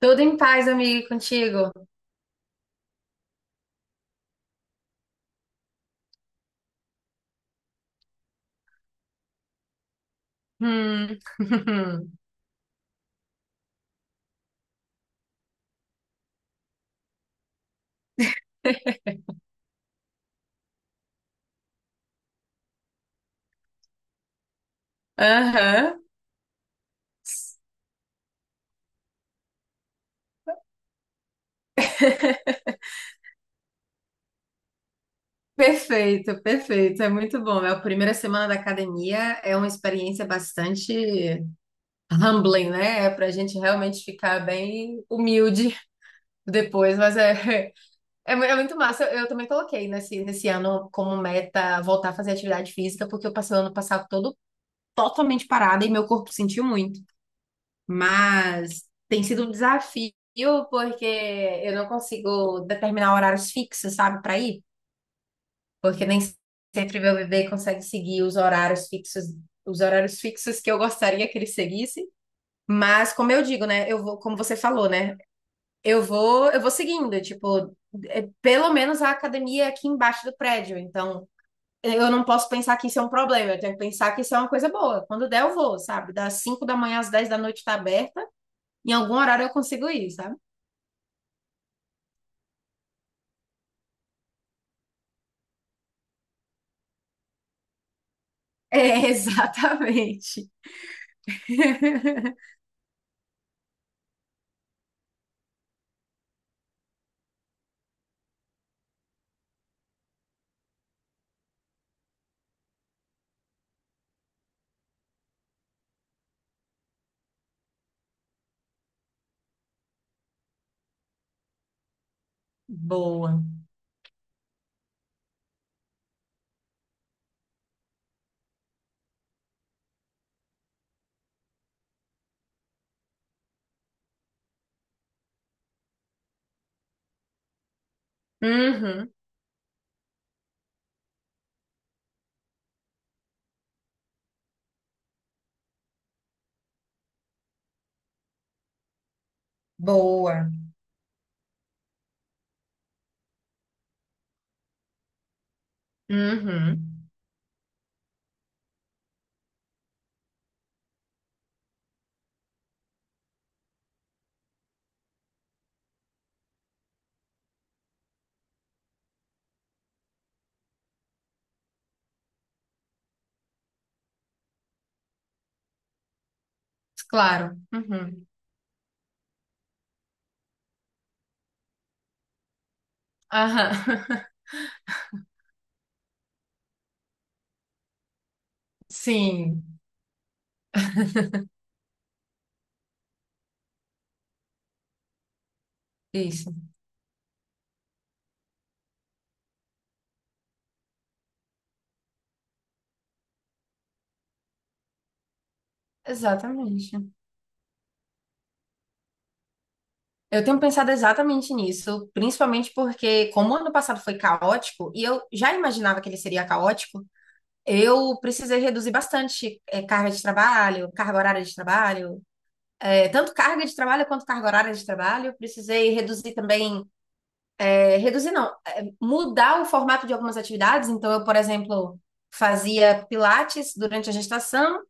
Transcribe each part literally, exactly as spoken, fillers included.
Tudo em paz, amigo, contigo? Hum. Aham. Perfeito, perfeito. É muito bom. É a primeira semana da academia, é uma experiência bastante humbling, né? É pra gente realmente ficar bem humilde depois, mas é, é, mu- é muito massa. Eu, eu também coloquei nesse, nesse ano como meta voltar a fazer atividade física, porque eu passei o ano passado todo totalmente parada e meu corpo sentiu muito. Mas tem sido um desafio porque eu não consigo determinar horários fixos, sabe, para ir, porque nem sempre meu bebê consegue seguir os horários fixos, os horários fixos que eu gostaria que ele seguisse. Mas como eu digo, né, eu vou, como você falou, né, eu vou, eu vou seguindo, tipo, é, pelo menos a academia é aqui embaixo do prédio, então eu não posso pensar que isso é um problema, eu tenho que pensar que isso é uma coisa boa. Quando der, eu vou, sabe? Das cinco da manhã às dez da noite tá aberta. Em algum horário eu consigo ir, sabe? É, exatamente. Boa. Uhum. Boa. Uhum. Claro. Uhum. Aham. Sim, isso. Exatamente. Eu tenho pensado exatamente nisso, principalmente porque, como o ano passado foi caótico, e eu já imaginava que ele seria caótico, eu precisei reduzir bastante, eh, carga de trabalho, carga horária de trabalho, eh, tanto carga de trabalho quanto carga horária de trabalho. Precisei reduzir também. É, reduzir não, é, mudar o formato de algumas atividades. Então, eu, por exemplo, fazia pilates durante a gestação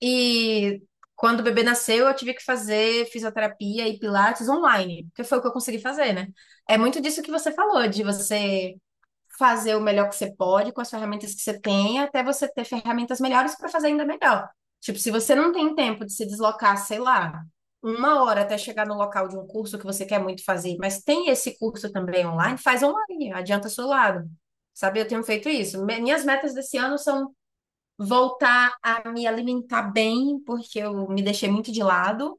e quando o bebê nasceu, eu tive que fazer fisioterapia e pilates online, porque foi o que eu consegui fazer, né? É muito disso que você falou, de você fazer o melhor que você pode com as ferramentas que você tem, até você ter ferramentas melhores para fazer ainda melhor. Tipo, se você não tem tempo de se deslocar, sei lá, uma hora até chegar no local de um curso que você quer muito fazer, mas tem esse curso também online, faz online, adianta seu lado. Sabe, eu tenho feito isso. Me- Minhas metas desse ano são voltar a me alimentar bem, porque eu me deixei muito de lado,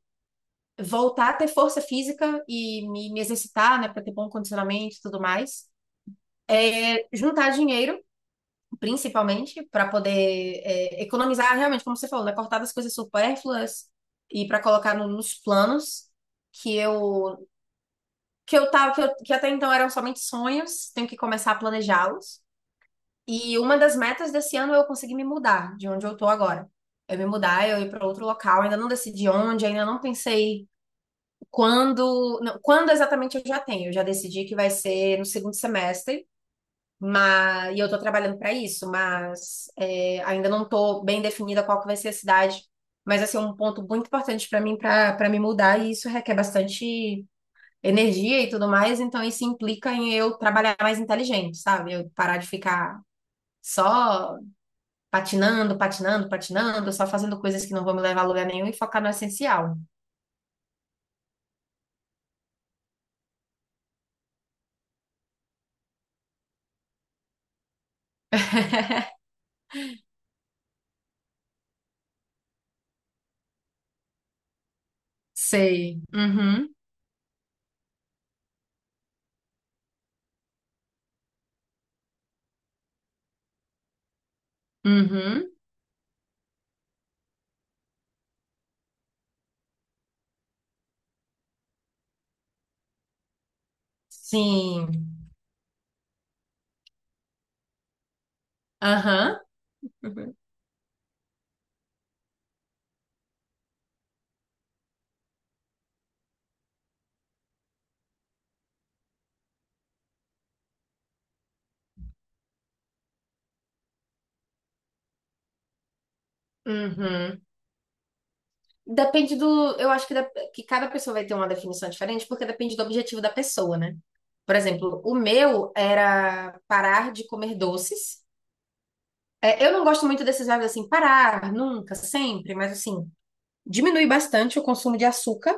voltar a ter força física e me, me exercitar, né, para ter bom condicionamento e tudo mais. É, juntar dinheiro principalmente, para poder é, economizar, realmente, como você falou, né? Cortar das coisas supérfluas e para colocar no- nos planos que eu que eu tava que, eu- que até então eram somente sonhos, tenho que começar a planejá-los. E uma das metas desse ano é eu conseguir me mudar de onde eu tô agora. Eu me mudar, eu ir para outro local, ainda não decidi onde, ainda não pensei quando, não, quando exatamente eu já tenho. Eu já decidi que vai ser no segundo semestre, mas, e eu estou trabalhando para isso, mas é, ainda não estou bem definida qual que vai ser a cidade. Mas assim, é um ponto muito importante para mim para para me mudar, e isso requer bastante energia e tudo mais, então isso implica em eu trabalhar mais inteligente, sabe? Eu parar de ficar só patinando, patinando, patinando, só fazendo coisas que não vão me levar a lugar nenhum e focar no essencial. Sei. Uhum. Uhum. Sim. Aham. Uhum. Uhum. Depende do. Eu acho que, da- que cada pessoa vai ter uma definição diferente, porque depende do objetivo da pessoa, né? Por exemplo, o meu era parar de comer doces. É, eu não gosto muito desses verbos assim, parar, nunca, sempre, mas assim, diminui bastante o consumo de açúcar.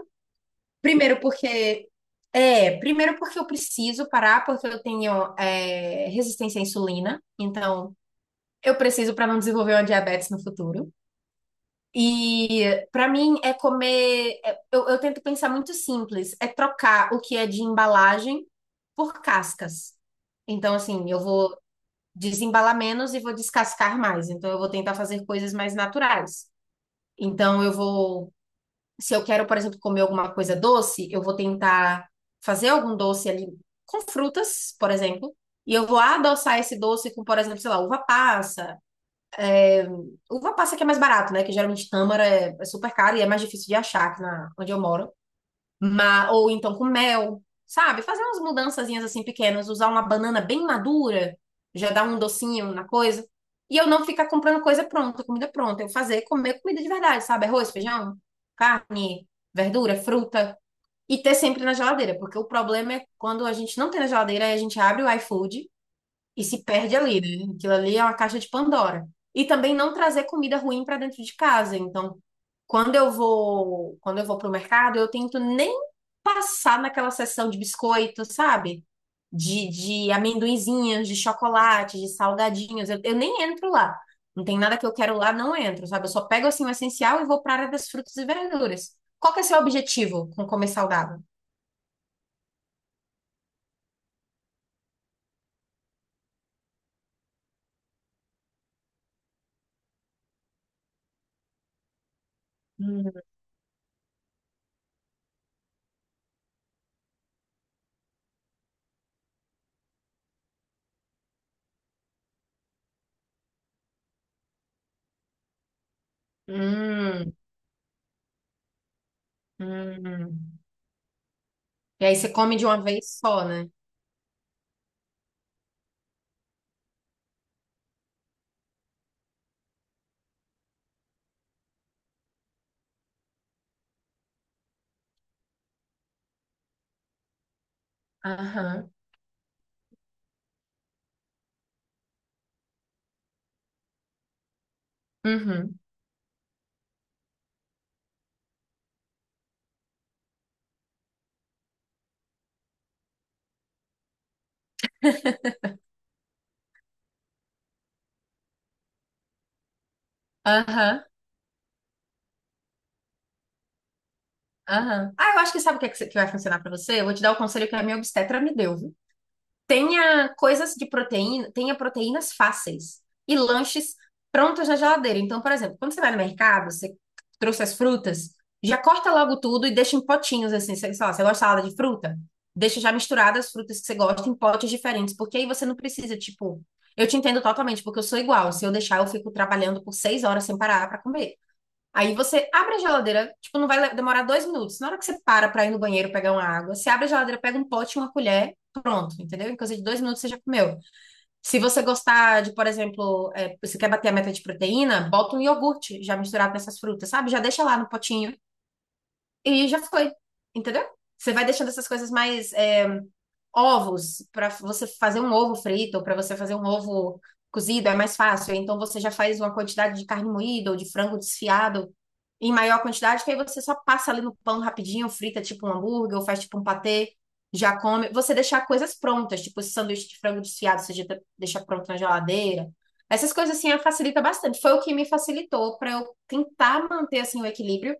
Primeiro porque. É, primeiro porque eu preciso parar, porque eu tenho, é, resistência à insulina. Então, eu preciso para não desenvolver uma diabetes no futuro. E para mim é comer. é- Eu, eu tento pensar muito simples, é trocar o que é de embalagem por cascas. Então, assim, eu vou desembalar menos e vou descascar mais. Então, eu vou tentar fazer coisas mais naturais. Então, eu vou. Se eu quero, por exemplo, comer alguma coisa doce, eu vou tentar fazer algum doce ali com frutas, por exemplo. E eu vou adoçar esse doce com, por exemplo, sei lá, uva passa. Uva passa que é mais barato, né? Que geralmente tâmara é, é super caro e é mais difícil de achar aqui na, onde eu moro. Mas, ou então com mel, sabe? Fazer umas mudançazinhas assim pequenas, usar uma banana bem madura, já dá um docinho na coisa. E eu não ficar comprando coisa pronta, comida pronta. Eu fazer, comer comida de verdade, sabe? Arroz, feijão, carne, verdura, fruta. E ter sempre na geladeira, porque o problema é quando a gente não tem na geladeira, aí a gente abre o iFood e se perde ali, né? Aquilo ali é uma caixa de Pandora. E também não trazer comida ruim para dentro de casa. Então, quando eu vou, quando eu vou pro mercado, eu tento nem passar naquela seção de biscoito, sabe? De, de amendoinzinhos, de chocolate, de salgadinhos. Eu, eu nem entro lá. Não tem nada que eu quero lá, não entro, sabe? Eu só pego assim o essencial e vou para a área das frutas e verduras. Qual que é o seu objetivo com comer saudável? Hum, hum, hum. E aí você come de uma vez só, né? Aham. Uhum. Aham. Aham. Ah, eu acho que sabe o que, é que que vai funcionar pra você? Eu vou te dar o conselho que a minha obstetra me deu, viu? Tenha coisas de proteína, tenha proteínas fáceis e lanches prontos na geladeira. Então, por exemplo, quando você vai no mercado, você trouxe as frutas, já corta logo tudo e deixa em potinhos assim, sei lá, você gosta de salada de fruta? Deixa já misturadas as frutas que você gosta em potes diferentes, porque aí você não precisa, tipo, eu te entendo totalmente, porque eu sou igual. Se eu deixar, eu fico trabalhando por seis horas sem parar pra comer. Aí você abre a geladeira, tipo, não vai le- demorar dois minutos. Na hora que você para pra ir no banheiro pegar uma água, você abre a geladeira, pega um pote, e uma colher, pronto, entendeu? Em coisa de dois minutos você já comeu. Se você gostar de, por exemplo, é, você quer bater a meta de proteína, bota um iogurte já misturado nessas frutas, sabe? Já deixa lá no potinho e já foi, entendeu? Você vai deixando essas coisas mais é, ovos pra você fazer um ovo frito ou para você fazer um ovo cozido é mais fácil. Então você já faz uma quantidade de carne moída ou de frango desfiado em maior quantidade, que aí você só passa ali no pão rapidinho, frita tipo um hambúrguer, ou faz tipo um patê, já come. Você deixar coisas prontas, tipo esse sanduíche de frango desfiado, você já deixa pronto na geladeira. Essas coisas assim facilita bastante. Foi o que me facilitou para eu tentar manter assim o equilíbrio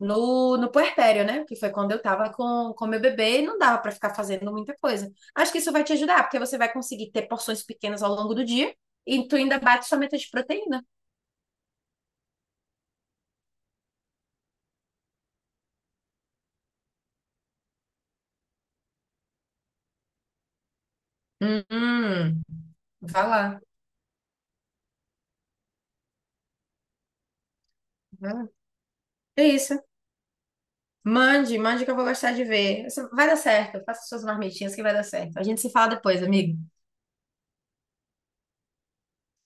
no, no puerpério, né? Que foi quando eu tava com, com meu bebê e não dava para ficar fazendo muita coisa. Acho que isso vai te ajudar, porque você vai conseguir ter porções pequenas ao longo do dia e tu ainda bate sua meta de proteína. Hum, hum. Vai lá. Vai lá. É isso. Mande, mande que eu vou gostar de ver. Isso vai dar certo. Faça suas marmitinhas que vai dar certo. A gente se fala depois, amigo. Tchau.